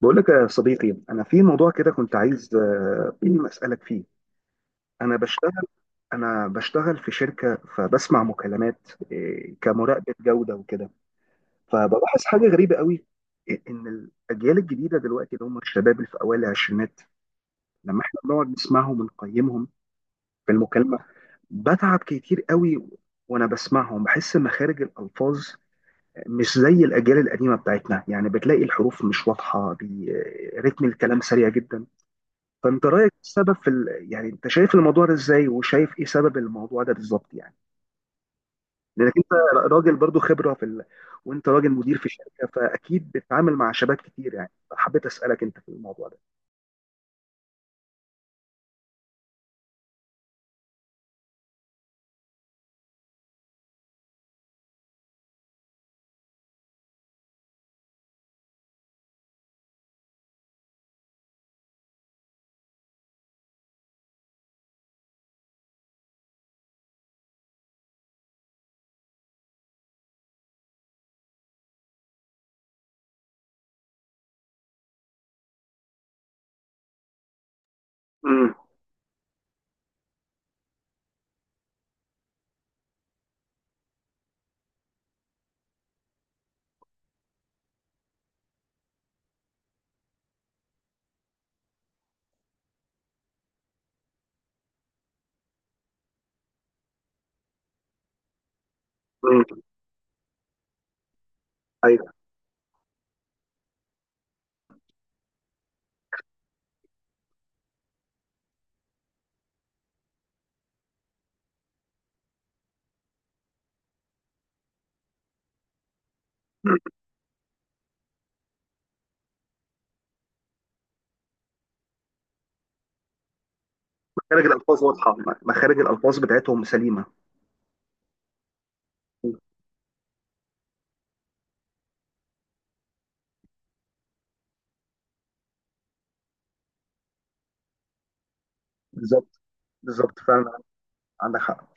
بقول لك يا صديقي، انا في موضوع كده كنت عايز، اسالك فيه. انا بشتغل. انا بشتغل في شركه، فبسمع مكالمات كمراقبه جوده وكده. فبلاحظ حاجه غريبه قوي، ان الاجيال الجديده دلوقتي اللي هم الشباب اللي في اوائل العشرينات، لما احنا بنقعد نسمعهم ونقيمهم في المكالمه، بتعب كتير قوي. وانا بسمعهم بحس مخارج الالفاظ مش زي الاجيال القديمه بتاعتنا، يعني بتلاقي الحروف مش واضحه رتم الكلام سريع جدا. فانت رايك إيه السبب في يعني انت شايف الموضوع ده ازاي، وشايف ايه سبب الموضوع ده بالظبط يعني؟ لانك انت راجل برضو خبره في وانت راجل مدير في شركه، فاكيد بتتعامل مع شباب كتير، يعني حبيت اسالك انت في الموضوع ده. امم. امم. ايوه، مخارج الالفاظ واضحه. مخارج الالفاظ بتاعتهم سليمه. بالظبط. بالظبط فعلا. عندك حق.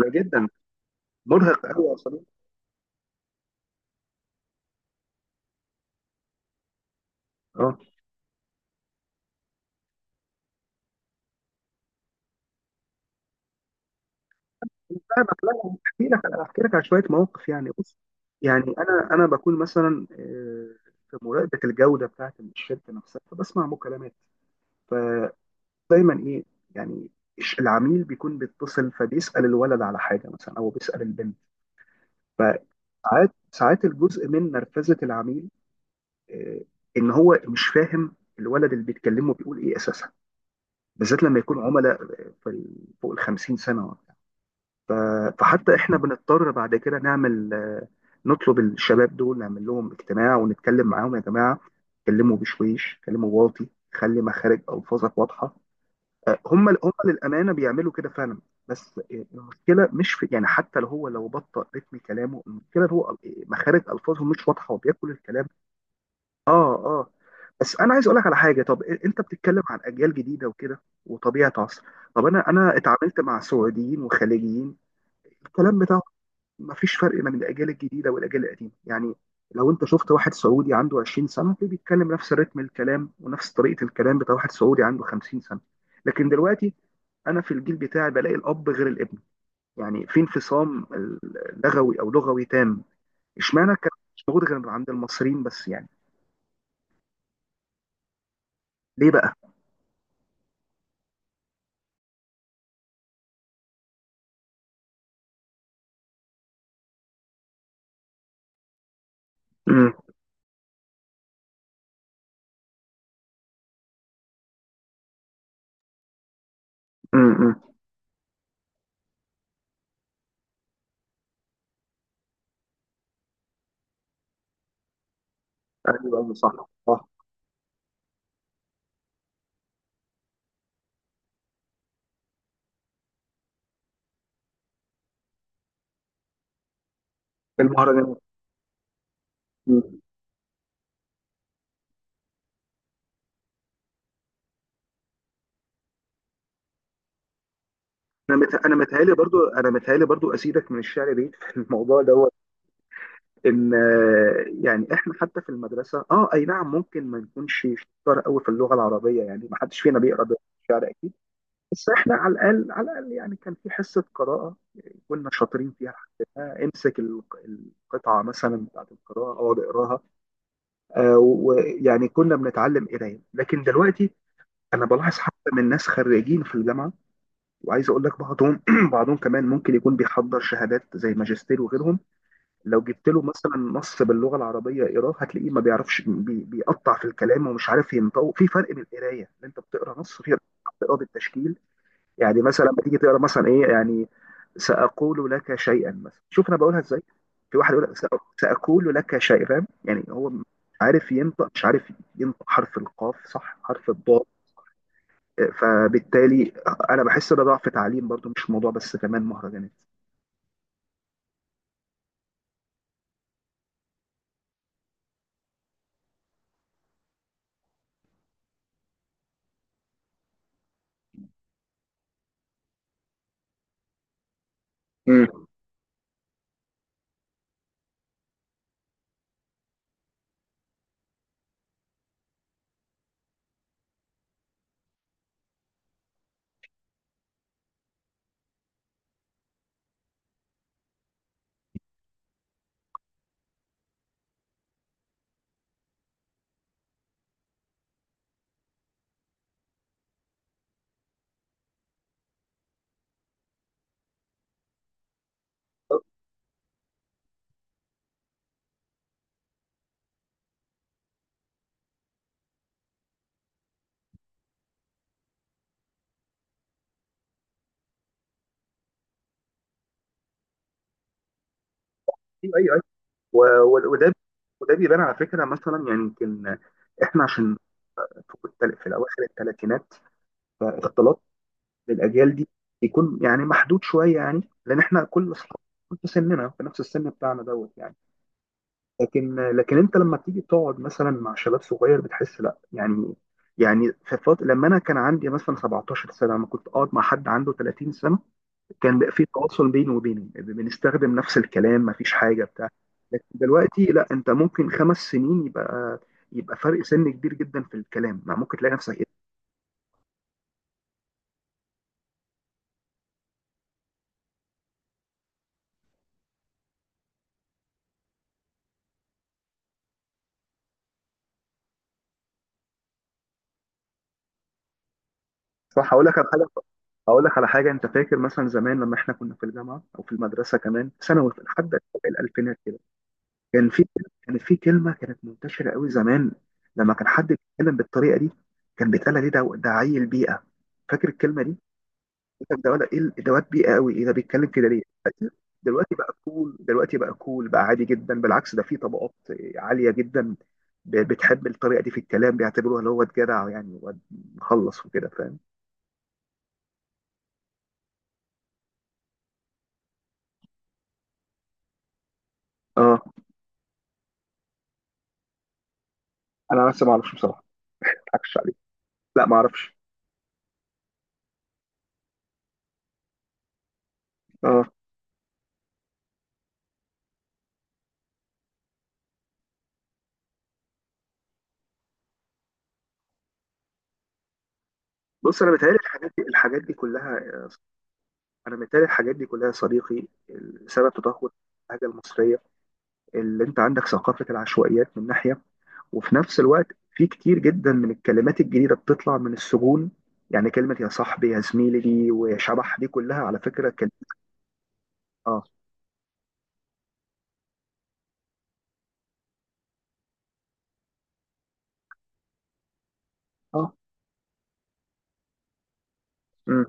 لا، جدا. مرهق قوي يا صديقي. اه. فاهمك. لا، أنا هحكي لك، أنا هحكي لك على شويه مواقف يعني. بص، يعني انا بكون مثلا، في مراقبه الجوده بتاعت الشركه نفسها، فبسمع مكالمات. فدايما ايه يعني، العميل بيكون بيتصل، فبيسال الولد على حاجه مثلا او بيسال البنت. فساعات الجزء من نرفزه العميل، آه، ان هو مش فاهم الولد اللي بيتكلمه بيقول ايه اساسا. بالذات لما يكون عملاء، في فوق ال 50 سنه. ف- فحتى احنا بنضطر بعد كده نعمل، نطلب الشباب دول، نعمل لهم اجتماع ونتكلم معاهم: يا جماعه اتكلموا بشويش، اتكلموا واطي، خلي مخارج الفاظك واضحه. هم للامانه بيعملوا كده فعلا. بس، المشكله مش في، يعني حتى لو هو لو بطأ رتم كلامه، المشكله هو، مخارج الفاظه مش واضحه وبياكل الكلام. اه اه. بس انا عايز اقول لك على حاجه. طب انت بتتكلم عن اجيال جديده وكده، وطبيعه عصر، طب انا اتعاملت مع سعوديين وخليجيين، الكلام بتاعهم مفيش فرق بين الاجيال الجديده والاجيال القديمه، يعني لو انت شفت واحد سعودي عنده 20 سنه تلاقيه بيتكلم نفس الريتم الكلام ونفس طريقه الكلام بتاع واحد سعودي عنده 50 سنه. لكن دلوقتي انا في الجيل بتاعي بلاقي الاب غير الابن، يعني في انفصام لغوي، او لغوي تام. اشمعنى الكلام ده مش موجود غير عند المصريين بس يعني؟ ليه بقى؟ امم. امم. ايوه صح. صح. المهرجانات. مم. انا متهيألي برضو، انا متهيألي برضو اسيدك من الشعر بعيد في الموضوع ده، ان يعني احنا حتى في المدرسه، اه اي نعم، ممكن ما نكونش شطار قوي في اللغه العربيه، يعني ما حدش فينا بيقرا الشعر اكيد، بس احنا على الاقل، على الاقل يعني كان في حصه قراءه كنا شاطرين فيها. آه، امسك الق- القطعه مثلا بتاعت القراءه اقعد اقراها. ويعني كنا بنتعلم قرايه. لكن دلوقتي انا بلاحظ حتى من ناس خريجين في الجامعه، وعايز اقول لك بعضهم بعضهم كمان ممكن يكون بيحضر شهادات زي ماجستير وغيرهم، لو جبت له مثلا نص باللغه العربيه اقراه هتلاقيه ما بيعرفش، بيقطع في الكلام ومش عارف ينطوق. في فرق من القرايه ان انت بتقرا نص، بتقراه بالتشكيل. يعني مثلا لما تيجي تقرا مثلا ايه يعني، ساقول لك شيئا، مثلا شوف انا بقولها ازاي، في واحد يقول لك ساقول لك شيئا"، فاهم يعني هو مش عارف ينطق، مش عارف ينطق حرف القاف صح، حرف الضاد. فبالتالي انا بحس ده ضعف تعليم برضو، مش موضوع بس كمان مهرجانات. مم. ايوه ايوه. و- وده، وده بيبان على فكره مثلا، يعني يمكن احنا عشان في في الاواخر الثلاثينات، فاختلاط الاجيال دي يكون يعني محدود شويه يعني، لان احنا كل اصحاب في سننا في نفس السن بتاعنا دوت يعني. لكن، انت لما تيجي تقعد مثلا مع شباب صغير بتحس لا، يعني يعني في فترة لما انا كان عندي مثلا 17 سنه، لما كنت اقعد مع حد عنده 30 سنه، كان بقى في تواصل بيني وبينه، بنستخدم نفس الكلام، مفيش حاجه بتاع. لكن دلوقتي لا، انت ممكن 5 سنين يبقى، يبقى فرق سن كبير جدا في الكلام، ما ممكن تلاقي نفسك ايه. صح. هقول لك على حاجه، هقول لك على حاجه، انت فاكر مثلا زمان لما احنا كنا في الجامعه او في المدرسه كمان في ثانوي، لحد الالفينات كده، كان في، كان في كلمه كانت منتشره قوي زمان، لما كان حد بيتكلم بالطريقه دي كان بيتقال عليه: ده ده عيل بيئه. فاكر الكلمه دي؟ ده ولا ايه الادوات، بيئه قوي، ايه ده بيتكلم كده ليه! دلوقتي، دلوقتي بقى كول، دلوقتي بقى كول، بقى عادي جدا، بالعكس ده في طبقات عاليه جدا بتحب الطريقه دي في الكلام، بيعتبروها اللي هو واد جدع، يعني واد مخلص وكده، فاهم. اه. انا لسه ما اعرفش بصراحه. ما اضحكش عليك. لا ما اعرفش. اه. بص، انا متهيألي الحاجات دي، الحاجات دي كلها، انا متهيألي الحاجات دي كلها يا صديقي سبب تدهور اللهجه المصريه. اللي انت عندك ثقافه العشوائيات من ناحيه، وفي نفس الوقت في كتير جدا من الكلمات الجديدة بتطلع من السجون. يعني كلمة يا صاحبي، يا زميلي دي، وشبح دي، كلها على فكرة كلمة. اه اه. امم.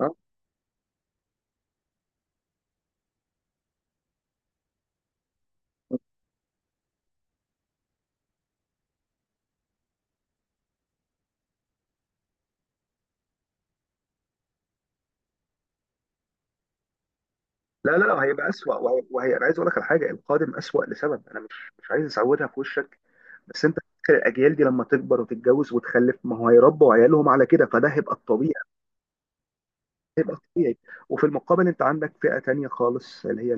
اه. لا لا لا، هيبقى أسوأ. وهي، وهي، أنا عايز أقول لك على حاجة: القادم أسوأ لسبب، أنا مش، مش عايز أسودها في وشك، بس أنت فاكر الأجيال دي لما تكبر وتتجوز وتخلف، ما هو هيربوا عيالهم على كده، فده هيبقى الطبيعي. هيبقى الطبيعي. وفي المقابل أنت عندك فئة تانية خالص اللي هي،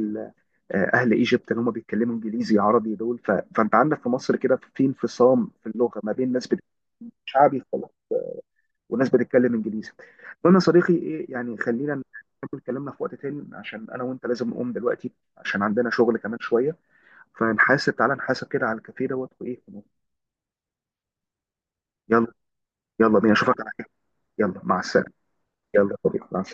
اهل ايجيبت اللي هم بيتكلموا انجليزي عربي، دول فانت عندك في مصر كده في انفصام في اللغه، ما بين ناس بتتكلم شعبي خالص، وناس بتتكلم انجليزي. المهم يا صديقي ايه يعني، خلينا نكمل كلامنا في وقت تاني، عشان انا وانت لازم نقوم دلوقتي، عشان عندنا شغل كمان شويه. فنحاسب، تعالى نحاسب كده على الكافيه دوت وايه. يلا. يلا بينا، اشوفك على خير. يلا مع السلامه. يلا يا صديقي، مع السلامه.